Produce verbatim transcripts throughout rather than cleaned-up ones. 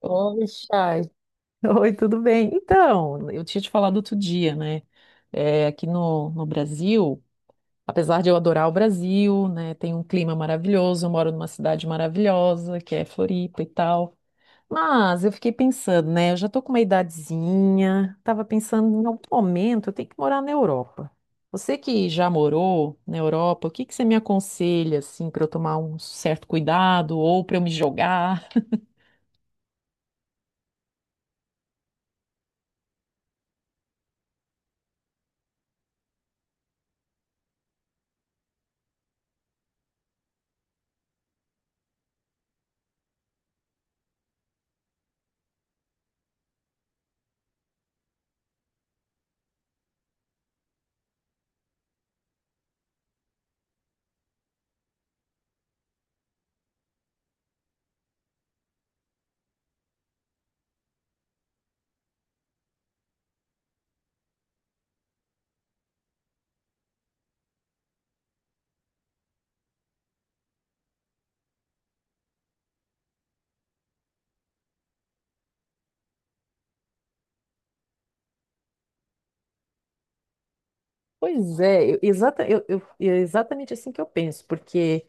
Oi, Chay. Oi, tudo bem? Então, eu tinha te falado outro dia, né? É, aqui no, no Brasil, apesar de eu adorar o Brasil, né? Tem um clima maravilhoso, eu moro numa cidade maravilhosa, que é Floripa e tal. Mas eu fiquei pensando, né? Eu já tô com uma idadezinha, tava pensando em algum momento eu tenho que morar na Europa. Você que já morou na Europa, o que que você me aconselha, assim, para eu tomar um certo cuidado ou para eu me jogar? Pois é, eu- exata, eu, eu- é exatamente assim que eu penso, porque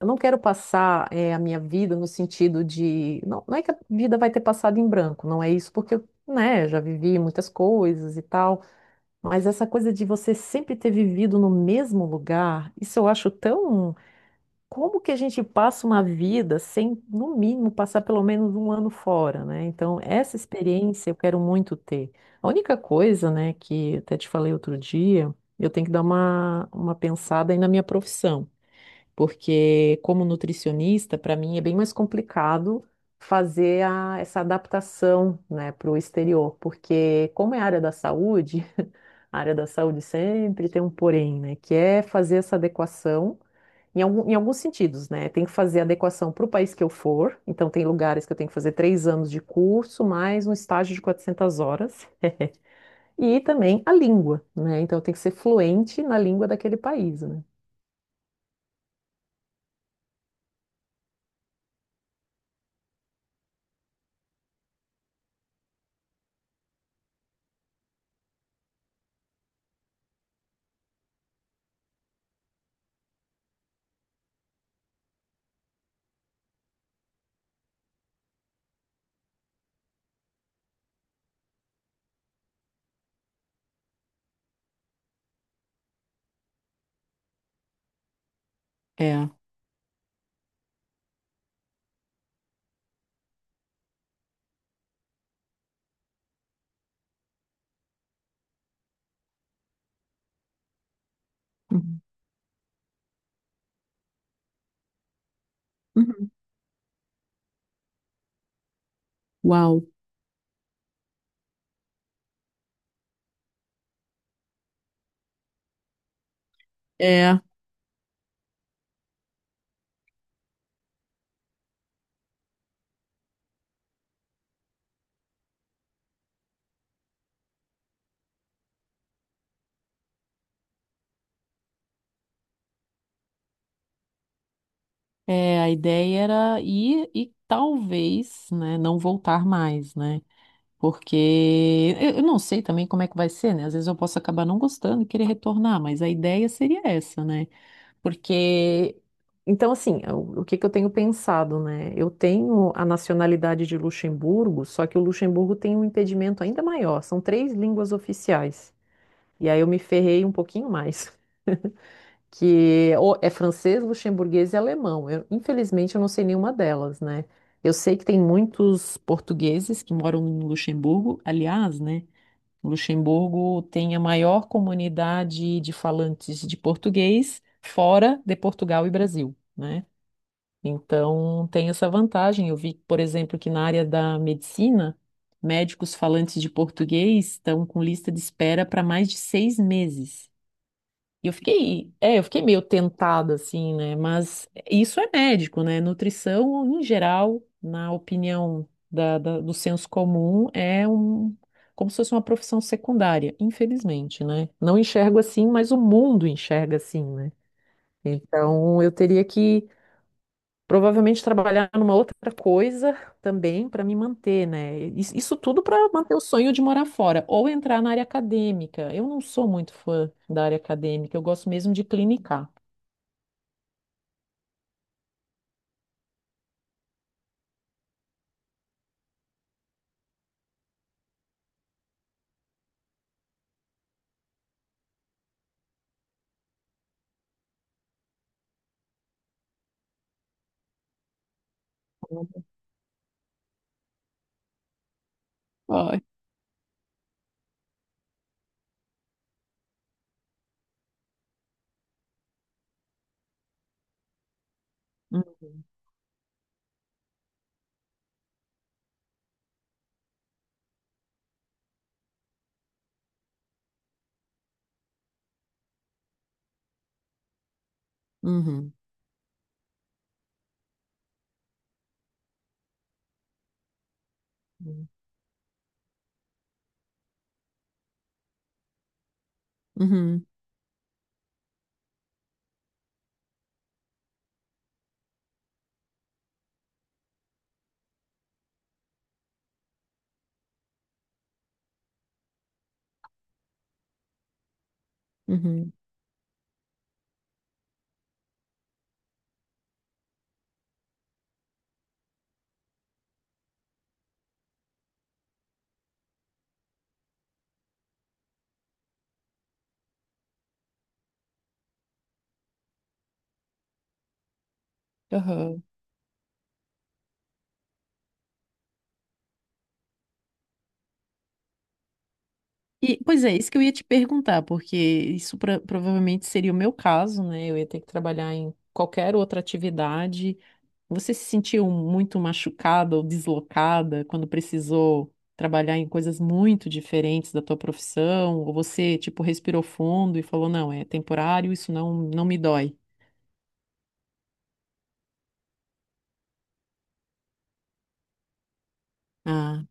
eu não quero passar eh, a minha vida no sentido de. Não, não é que a vida vai ter passado em branco, não é isso, porque eu, né, já vivi muitas coisas e tal, mas essa coisa de você sempre ter vivido no mesmo lugar, isso eu acho tão. Como que a gente passa uma vida sem, no mínimo, passar pelo menos um ano fora, né? Então, essa experiência eu quero muito ter. A única coisa, né, que até te falei outro dia, eu tenho que dar uma, uma pensada aí na minha profissão, porque como nutricionista, para mim é bem mais complicado fazer a- essa adaptação, né, para o exterior, porque como é área da saúde, a área da saúde sempre tem um porém, né, que é fazer essa adequação em algum- em alguns sentidos, né? Tem que fazer adequação para o país que eu for. Então, tem lugares que eu tenho que fazer três anos de curso, mais um estágio de quatrocentas horas. E também a língua, né? Então, eu tenho que ser fluente na língua daquele país, né? É. Uhum. Uhum. Uau. É, é, a ideia era ir e talvez, né, não voltar mais, né? Porque eu, eu não sei também como é que vai ser, né? Às vezes eu posso acabar não gostando e querer retornar, mas a ideia seria essa, né? Porque, então, assim, é o, o que que eu tenho pensado, né? Eu tenho a nacionalidade de Luxemburgo, só que o Luxemburgo tem um impedimento ainda maior, são três línguas oficiais. E aí eu me ferrei um pouquinho mais, que ou é francês, luxemburguês e alemão. Eu, infelizmente, eu não sei nenhuma delas, né? Eu sei que tem muitos portugueses que moram em Luxemburgo, aliás, né? Luxemburgo tem a maior comunidade de falantes de português fora de Portugal e Brasil, né? Então, tem essa vantagem. Eu vi, por exemplo, que na área da medicina, médicos falantes de português estão com lista de espera para mais de seis meses. E eu fiquei, é, eu fiquei meio tentada, assim, né? Mas isso é médico, né? Nutrição, em geral, na opinião da, da- do senso comum, é um, como se fosse uma profissão secundária, infelizmente, né? Não enxergo assim, mas o mundo enxerga assim, né? Então, eu teria que provavelmente trabalhar numa outra coisa também para me manter, né? Is- Isso tudo para manter o sonho de morar fora ou entrar na área acadêmica. Eu não sou muito fã da área acadêmica, eu gosto mesmo de clinicar. Ai. Hum. Uhum. Uhum. Uhum. Aham. E, pois é, isso que eu ia te perguntar, porque isso pra- provavelmente seria o meu caso, né? Eu ia ter que trabalhar em qualquer outra atividade. Você se sentiu muito machucada ou deslocada quando precisou trabalhar em coisas muito diferentes da tua profissão? Ou você, tipo, respirou fundo e falou, não, é temporário, isso não, não me dói? Ah,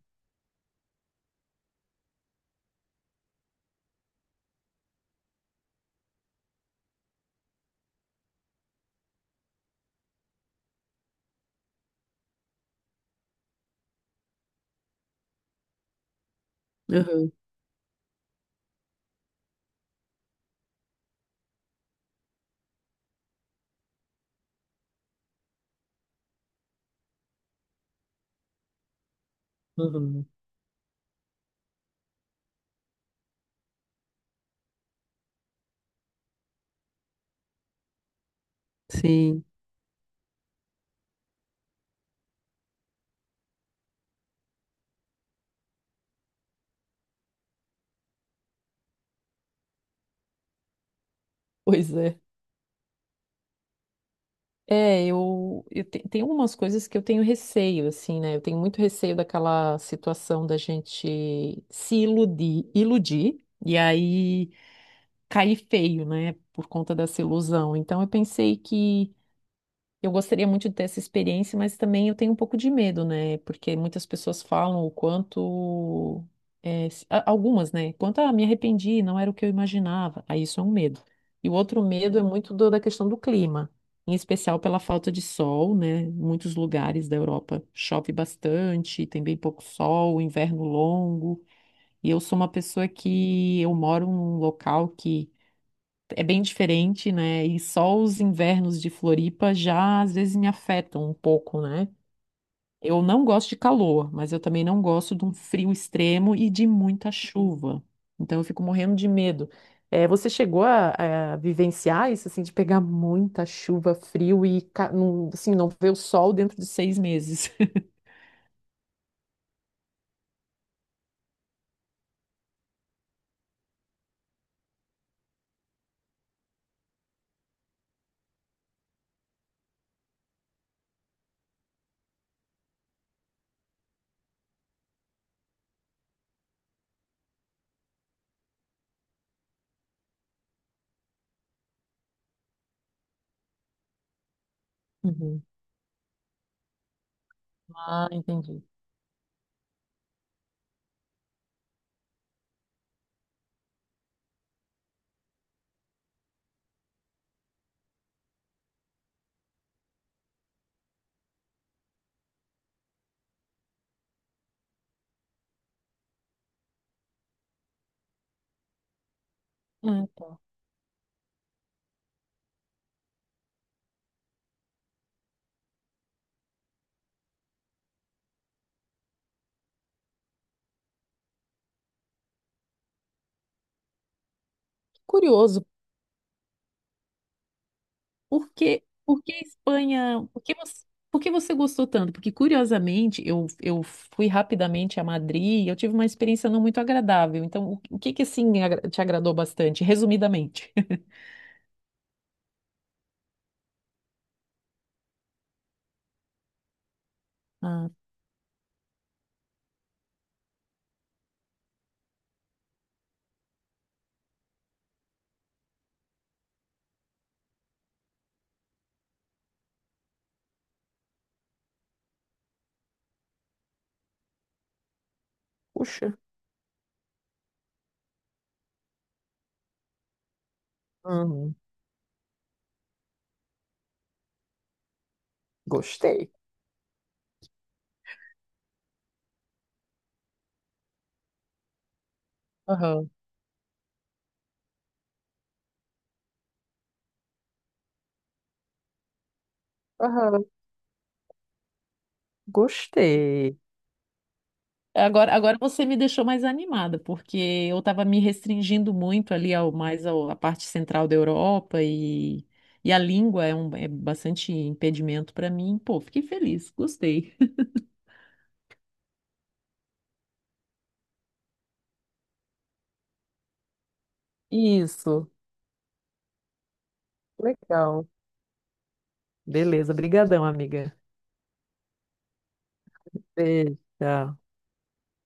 uhum, uhum. Sim, pois é. É, eu, eu te, tem algumas coisas que eu tenho receio, assim, né? Eu tenho muito receio daquela situação da gente se iludir, iludir e aí cair feio, né? Por conta dessa ilusão. Então eu pensei que eu gostaria muito de ter essa experiência, mas também eu tenho um pouco de medo, né? Porque muitas pessoas falam o quanto. É, se- a- algumas, né? Quanto, ah, me arrependi, não era o que eu imaginava. Aí isso é um medo. E o outro medo é muito do- da questão do clima, em especial pela falta de sol, né? Em muitos lugares da Europa chove bastante, tem bem pouco sol, inverno longo. E eu sou uma pessoa que eu moro num local é bem diferente, né? E só os invernos de Floripa já às vezes me afetam um pouco, né? Eu não gosto de calor, mas eu também não gosto de um frio extremo e de muita chuva. Então eu fico morrendo de medo. Eh, você chegou a, a vivenciar isso, assim, de pegar muita chuva, frio e, ca- não- assim, não ver o sol dentro de seis meses? Uhum. Ah, entendi. Ah, tá. Curioso. Por que, por que Espanha? Por que você, por que você gostou tanto? Porque, curiosamente, eu, eu fui rapidamente a Madrid e eu tive uma experiência não muito agradável. Então, o, o que que, assim, agra- te agradou bastante, resumidamente? Ah, puxa. Hum, gostei. Aham. Aham, gostei. Agora, agora você me deixou mais animada, porque eu estava me restringindo muito ali ao mais ao- à parte central da Europa e, e a língua é um é bastante impedimento para mim. Pô, fiquei feliz, gostei. Isso, legal. Beleza, brigadão, amiga. Beijo. Tchau.